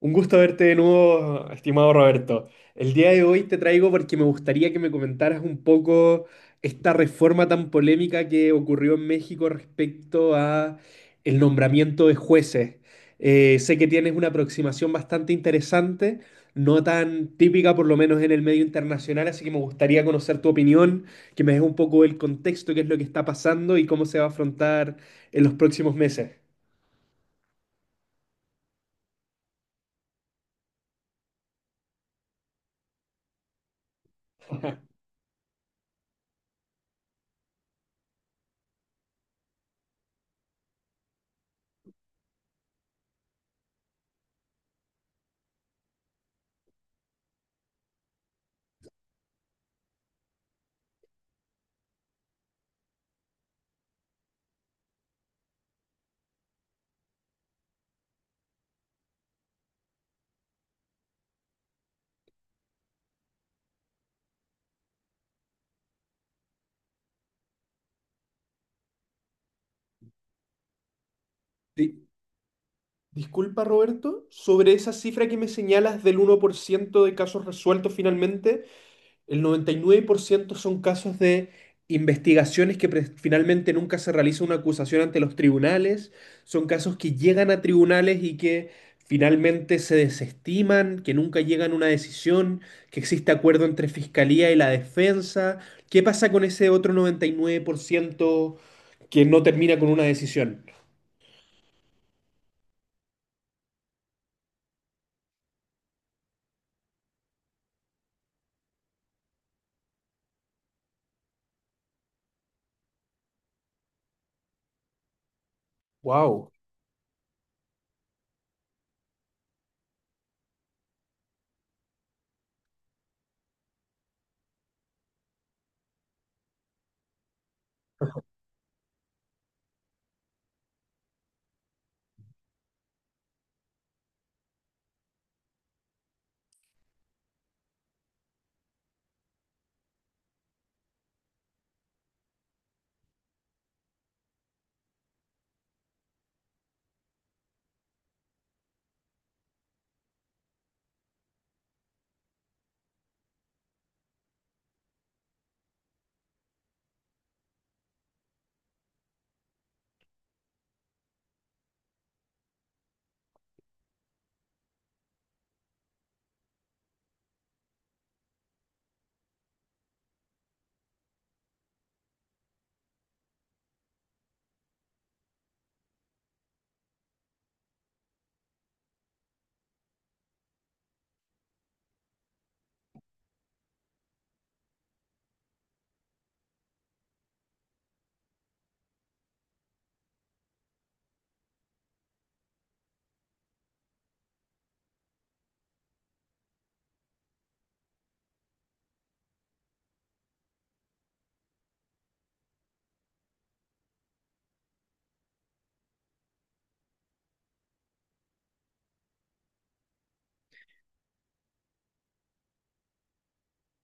Un gusto verte de nuevo, estimado Roberto. El día de hoy te traigo porque me gustaría que me comentaras un poco esta reforma tan polémica que ocurrió en México respecto a el nombramiento de jueces. Sé que tienes una aproximación bastante interesante, no tan típica por lo menos en el medio internacional, así que me gustaría conocer tu opinión, que me des un poco el contexto, qué es lo que está pasando y cómo se va a afrontar en los próximos meses. Sí. Disculpa, Roberto, sobre esa cifra que me señalas del 1% de casos resueltos finalmente, el 99% son casos de investigaciones que finalmente nunca se realiza una acusación ante los tribunales, son casos que llegan a tribunales y que finalmente se desestiman, que nunca llegan a una decisión, que existe acuerdo entre fiscalía y la defensa. ¿Qué pasa con ese otro 99% que no termina con una decisión? Wow.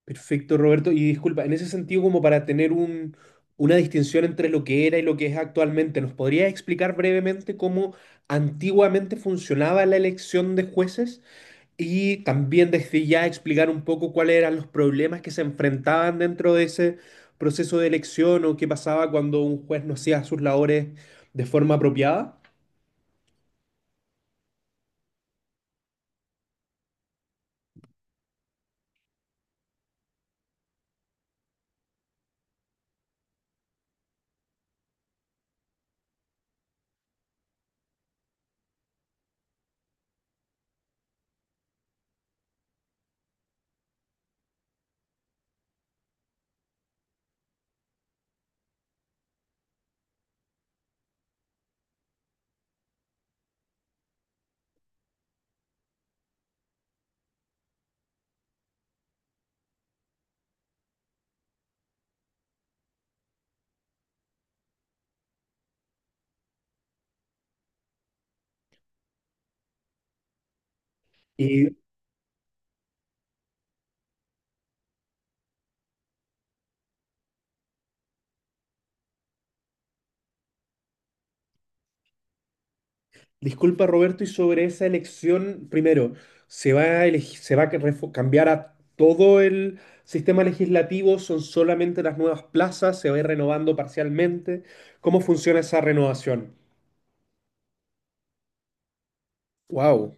Perfecto, Roberto. Y disculpa, en ese sentido, como para tener un, una distinción entre lo que era y lo que es actualmente, ¿nos podrías explicar brevemente cómo antiguamente funcionaba la elección de jueces? Y también desde ya explicar un poco cuáles eran los problemas que se enfrentaban dentro de ese proceso de elección o qué pasaba cuando un juez no hacía sus labores de forma apropiada. Y Disculpa, Roberto, y sobre esa elección, primero, se va a cambiar a todo el sistema legislativo? ¿Son solamente las nuevas plazas? ¿Se va a ir renovando parcialmente? ¿Cómo funciona esa renovación? Wow.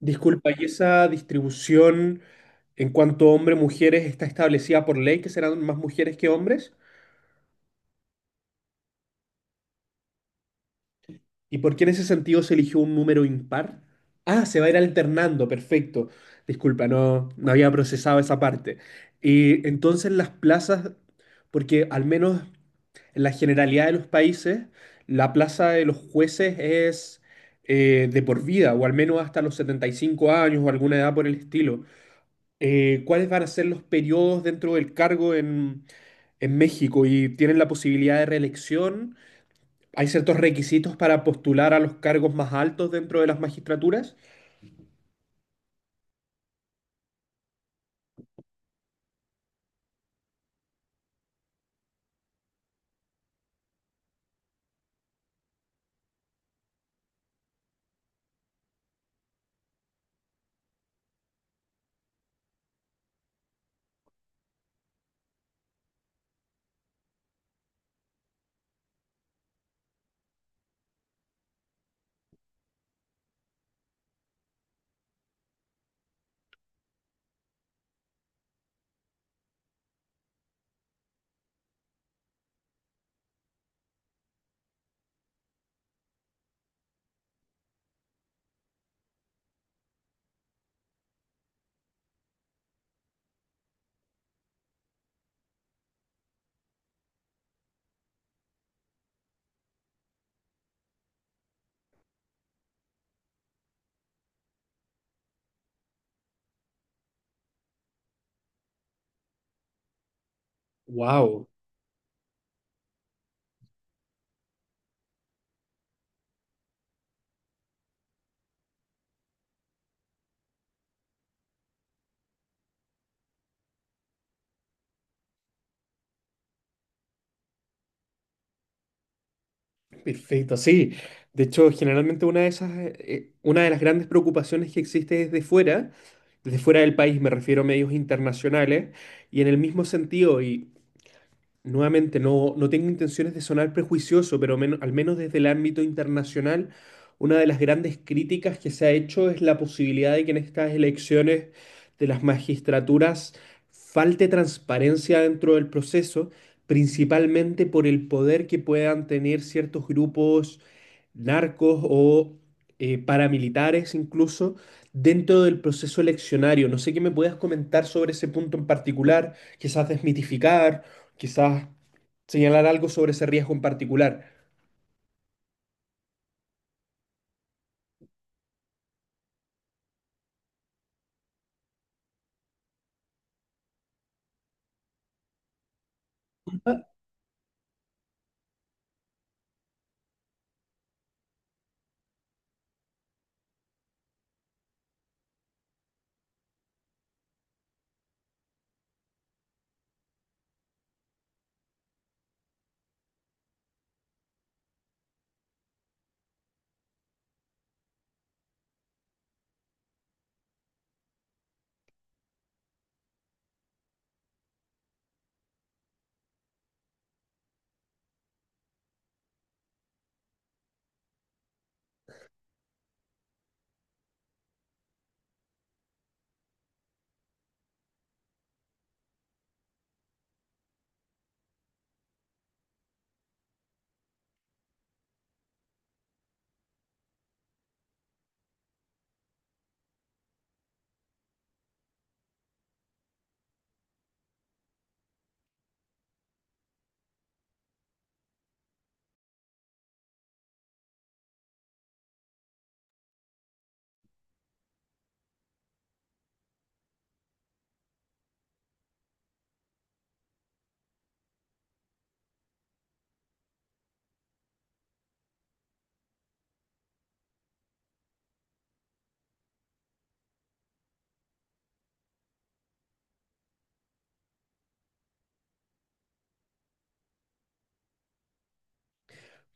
Disculpa, ¿y esa distribución en cuanto a hombres-mujeres está establecida por ley que serán más mujeres que hombres? ¿Y por qué en ese sentido se eligió un número impar? Ah, se va a ir alternando, perfecto. Disculpa, no, no había procesado esa parte. Y entonces las plazas, porque al menos en la generalidad de los países, la plaza de los jueces es de por vida, o al menos hasta los 75 años o alguna edad por el estilo. ¿Cuáles van a ser los periodos dentro del cargo en México? ¿Y tienen la posibilidad de reelección? Hay ciertos requisitos para postular a los cargos más altos dentro de las magistraturas. Wow, perfecto, sí. De hecho, generalmente una de las grandes preocupaciones que existe desde fuera del país, me refiero a medios internacionales, y en el mismo sentido, nuevamente, no, no tengo intenciones de sonar prejuicioso, pero al menos desde el ámbito internacional, una de las grandes críticas que se ha hecho es la posibilidad de que en estas elecciones de las magistraturas falte transparencia dentro del proceso, principalmente por el poder que puedan tener ciertos grupos narcos o paramilitares incluso dentro del proceso eleccionario. No sé qué me puedas comentar sobre ese punto en particular, quizás desmitificar quizás señalar algo sobre ese riesgo en particular.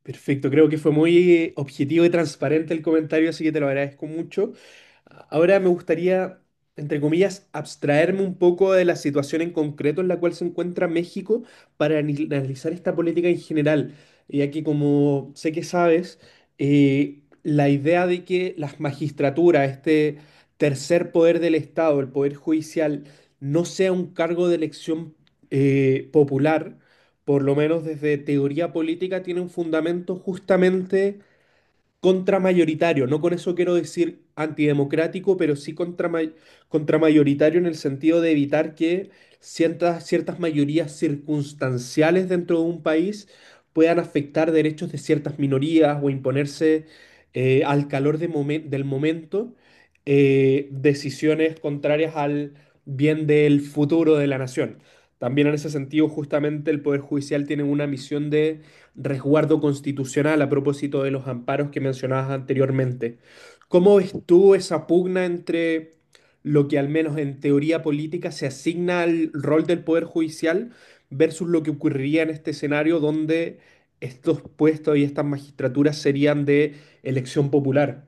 Perfecto, creo que fue muy objetivo y transparente el comentario, así que te lo agradezco mucho. Ahora me gustaría, entre comillas, abstraerme un poco de la situación en concreto en la cual se encuentra México para analizar esta política en general, ya que como sé que sabes, la idea de que las magistraturas, este tercer poder del Estado, el poder judicial, no sea un cargo de elección popular por lo menos desde teoría política, tiene un fundamento justamente contramayoritario. No con eso quiero decir antidemocrático, pero sí contramayoritario en el sentido de evitar que ciertas mayorías circunstanciales dentro de un país puedan afectar derechos de ciertas minorías o imponerse al calor del momento decisiones contrarias al bien del futuro de la nación. También en ese sentido, justamente el Poder Judicial tiene una misión de resguardo constitucional a propósito de los amparos que mencionabas anteriormente. ¿Cómo ves tú esa pugna entre lo que al menos en teoría política se asigna al rol del Poder Judicial versus lo que ocurriría en este escenario donde estos puestos y estas magistraturas serían de elección popular?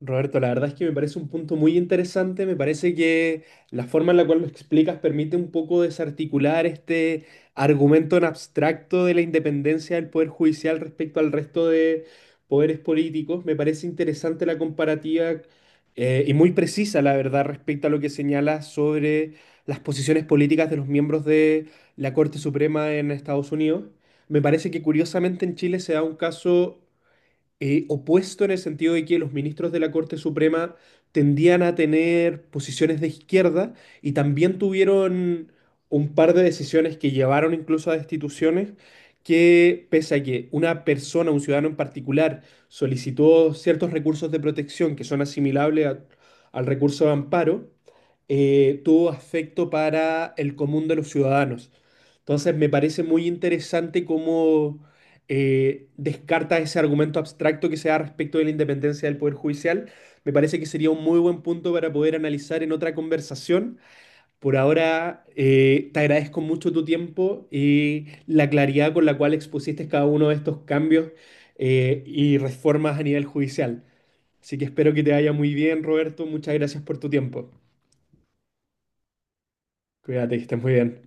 Roberto, la verdad es que me parece un punto muy interesante. Me parece que la forma en la cual lo explicas permite un poco desarticular este argumento en abstracto de la independencia del Poder Judicial respecto al resto de poderes políticos. Me parece interesante la comparativa y muy precisa, la verdad, respecto a lo que señalas sobre las posiciones políticas de los miembros de la Corte Suprema en Estados Unidos. Me parece que curiosamente en Chile se da un caso opuesto en el sentido de que los ministros de la Corte Suprema tendían a tener posiciones de izquierda y también tuvieron un par de decisiones que llevaron incluso a destituciones, que pese a que una persona, un ciudadano en particular, solicitó ciertos recursos de protección que son asimilables al recurso de amparo, tuvo afecto para el común de los ciudadanos. Entonces me parece muy interesante cómo descarta ese argumento abstracto que se da respecto de la independencia del Poder Judicial. Me parece que sería un muy buen punto para poder analizar en otra conversación. Por ahora, te agradezco mucho tu tiempo y la claridad con la cual expusiste cada uno de estos cambios y reformas a nivel judicial. Así que espero que te vaya muy bien, Roberto. Muchas gracias por tu tiempo. Cuídate, que estés muy bien.